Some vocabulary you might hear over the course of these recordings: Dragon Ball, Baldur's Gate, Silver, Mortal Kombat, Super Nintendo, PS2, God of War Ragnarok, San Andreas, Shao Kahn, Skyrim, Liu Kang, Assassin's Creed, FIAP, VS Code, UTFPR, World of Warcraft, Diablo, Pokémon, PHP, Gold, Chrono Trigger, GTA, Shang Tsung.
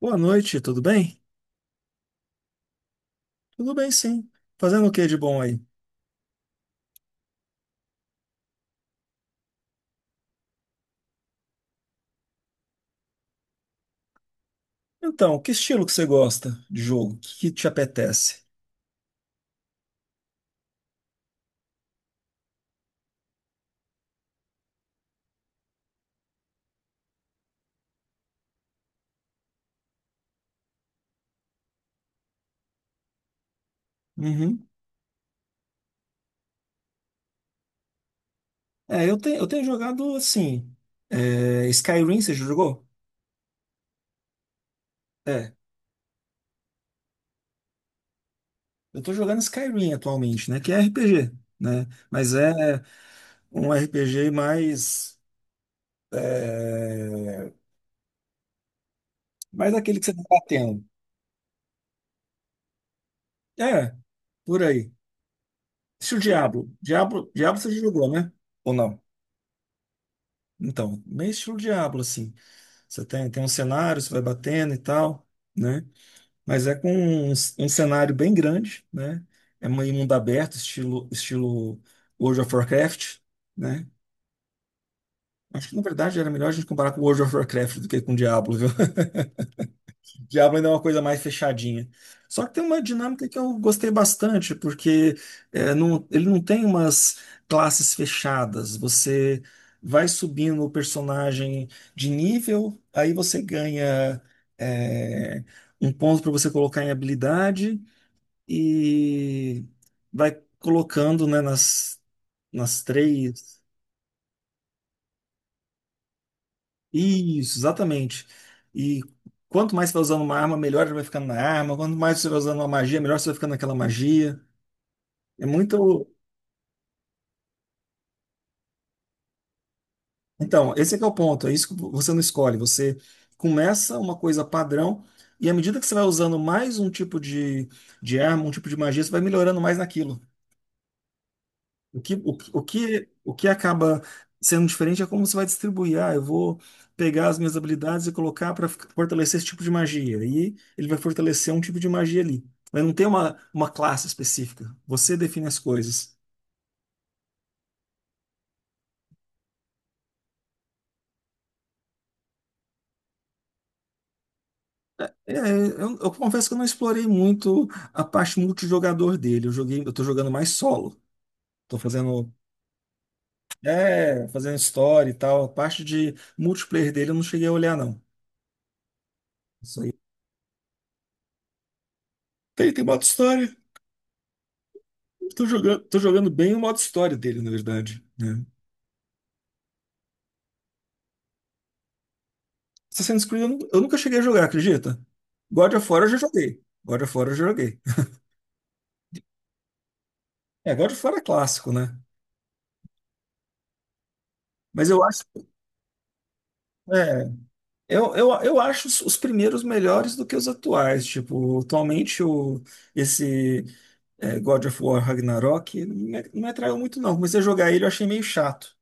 Boa noite, tudo bem? Tudo bem, sim. Fazendo o que de bom aí? Então, que estilo que você gosta de jogo? O que que te apetece? Uhum. É, eu tenho jogado assim. Skyrim, você já jogou? É. Eu tô jogando Skyrim atualmente, né? Que é RPG, né? Mas é um RPG mais. é, mais aquele que você tá batendo. É, por aí. Estilo Diablo. Diablo você já jogou, né? Ou não? Então, meio estilo Diablo, assim. Você tem um cenário, você vai batendo e tal, né? Mas é com um cenário bem grande, né? É meio mundo aberto, estilo World of Warcraft, né? Acho que, na verdade, era melhor a gente comparar com World of Warcraft do que com Diablo, viu? Diablo ainda é uma coisa mais fechadinha. Só que tem uma dinâmica que eu gostei bastante, porque ele não tem umas classes fechadas. Você vai subindo o personagem de nível, aí você ganha é, um ponto para você colocar em habilidade e vai colocando, né, nas três. Isso, exatamente. E quanto mais você vai usando uma arma, melhor ele vai ficando na arma. Quanto mais você vai usando uma magia, melhor você vai ficando naquela magia. É muito. Então, esse é que é o ponto. É isso que você não escolhe. Você começa uma coisa padrão, e à medida que você vai usando mais um tipo de arma, um tipo de magia, você vai melhorando mais naquilo. O que acaba sendo diferente é como você vai distribuir. Ah, eu vou pegar as minhas habilidades e colocar para fortalecer esse tipo de magia. E ele vai fortalecer um tipo de magia ali. Mas não tem uma classe específica. Você define as coisas. É, eu confesso que eu não explorei muito a parte multijogador dele. Eu joguei, eu tô jogando mais solo. Tô fazendo história e tal. A parte de multiplayer dele eu não cheguei a olhar, não. Isso aí. Tem modo história. Tô jogando bem o modo história dele, na verdade, né? Assassin's Creed eu nunca cheguei a jogar, acredita? God of War eu já joguei. God of War eu já joguei. É, God of War é clássico, né? Mas eu acho, é, eu acho os primeiros melhores do que os atuais. Tipo, atualmente esse God of War Ragnarok não me atraiu muito, não. Comecei a jogar ele, eu achei meio chato.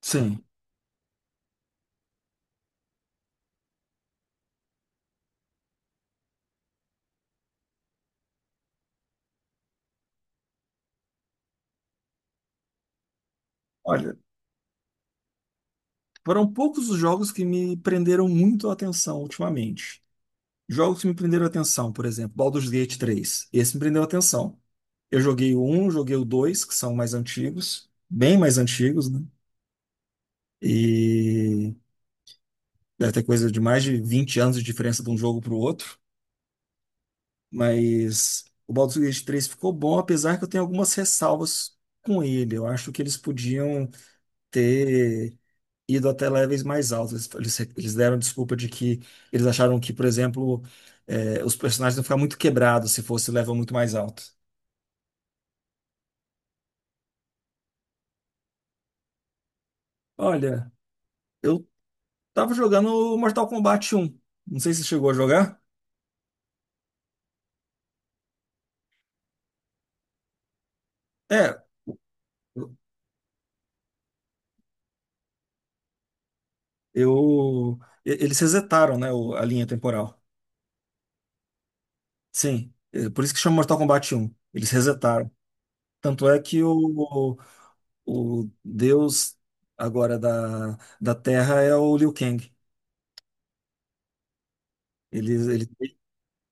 Sim. Olha, foram poucos os jogos que me prenderam muito a atenção ultimamente. Jogos que me prenderam a atenção, por exemplo, Baldur's Gate 3. Esse me prendeu a atenção. Eu joguei o 1, joguei o 2, que são mais antigos, bem mais antigos, né? E deve ter coisa de mais de 20 anos de diferença de um jogo para o outro. Mas o Baldur's Gate 3 ficou bom, apesar que eu tenho algumas ressalvas com ele. Eu acho que eles podiam ter ido até levels mais altos. Eles deram desculpa de que eles acharam que, por exemplo, os personagens iam ficar muito quebrados se fosse level muito mais alto. Olha, eu tava jogando Mortal Kombat 1. Não sei se você chegou a jogar. É, eu. Eles resetaram, né, a linha temporal. Sim, é por isso que chama Mortal Kombat 1. Eles resetaram. Tanto é que o deus agora da Terra é o Liu Kang. Ele, ele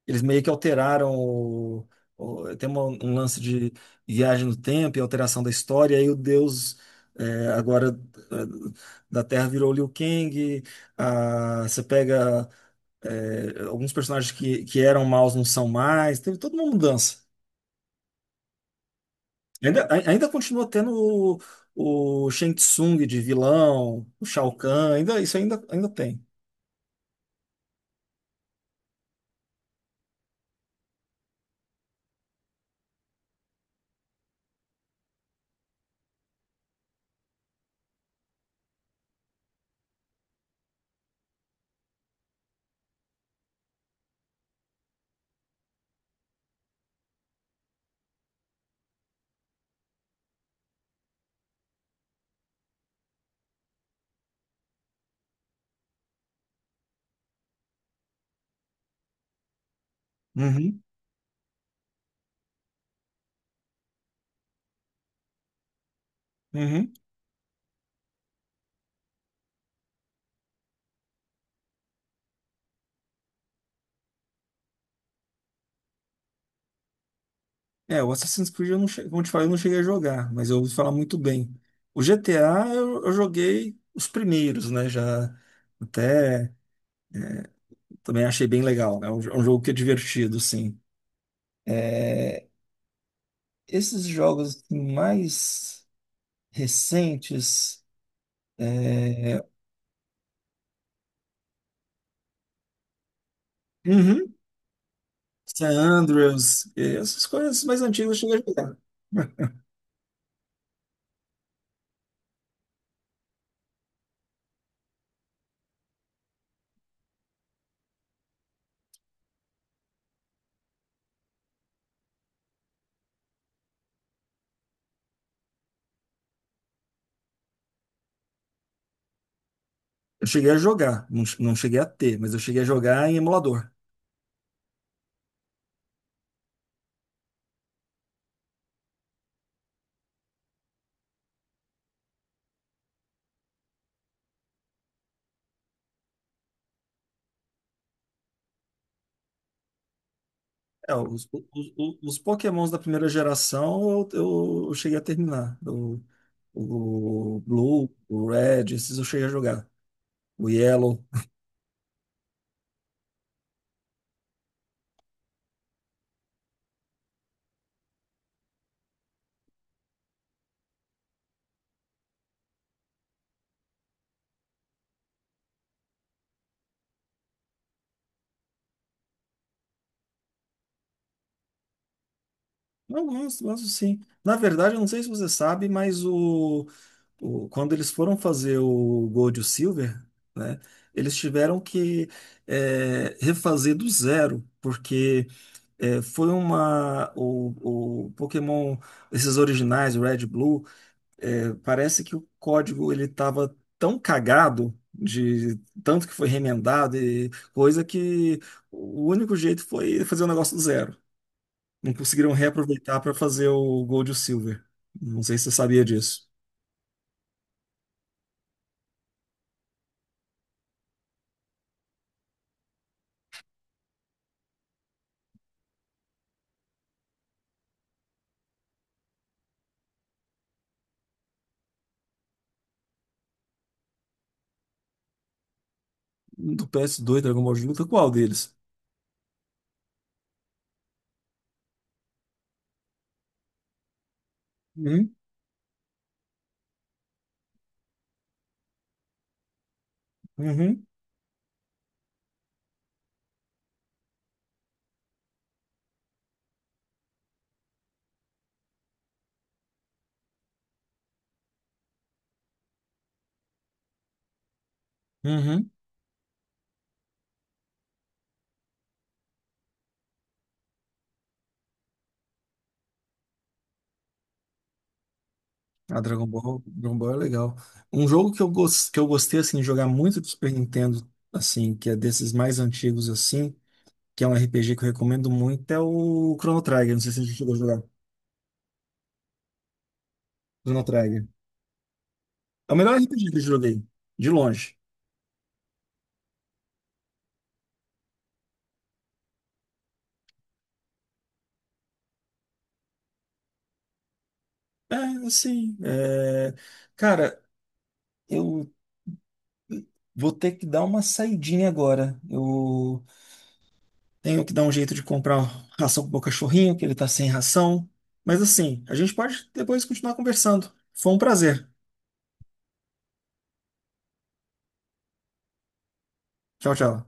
Eles meio que alteraram tem um lance de viagem no tempo e alteração da história, e aí o Deus agora da Terra virou Liu Kang. Você pega alguns personagens que eram maus não são mais, teve toda uma mudança. Ainda continua tendo o Shang Tsung de vilão, o Shao Kahn, ainda, isso ainda, tem. Uhum, uhum. É, o Assassin's Creed, eu não che... como eu te falei, eu não cheguei a jogar, mas eu ouvi falar muito bem. O GTA, eu joguei os primeiros, né? Já até também achei bem legal, né? É um jogo que é divertido, sim. É, esses jogos assim, mais recentes, é... uhum. San Andreas, essas coisas mais antigas eu cheguei a jogar. Eu cheguei a jogar, não, não cheguei a ter, mas eu cheguei a jogar em emulador. É, os, os, os Pokémons da primeira geração eu cheguei a terminar. O Blue, o Red, esses eu cheguei a jogar. O Yellow. Eu gosto, gosto sim. Na verdade, eu não sei se você sabe, mas quando eles foram fazer o Gold e o Silver, né, eles tiveram que refazer do zero, porque foi uma. O Pokémon, esses originais, o Red e Blue. É, parece que o código ele estava tão cagado de tanto que foi remendado e coisa que o único jeito foi fazer o negócio do zero. Não conseguiram reaproveitar para fazer o Gold e o Silver. Não sei se você sabia disso. Do PS2, Dragon Ball de luta, qual deles? Uhum, uhum, uhum. A Dragon Ball é legal. Um jogo que eu gostei assim, de jogar muito do Super Nintendo, assim, que é desses mais antigos assim. Que é um RPG que eu recomendo muito, é o Chrono Trigger. Não sei se você chegou a jogar. Chrono Trigger. É o melhor RPG que eu joguei, de longe. É, assim. Cara, eu vou ter que dar uma saidinha agora. Eu tenho que dar um jeito de comprar ração pro meu cachorrinho, que ele tá sem ração. Mas assim, a gente pode depois continuar conversando. Foi um prazer. Tchau, tchau.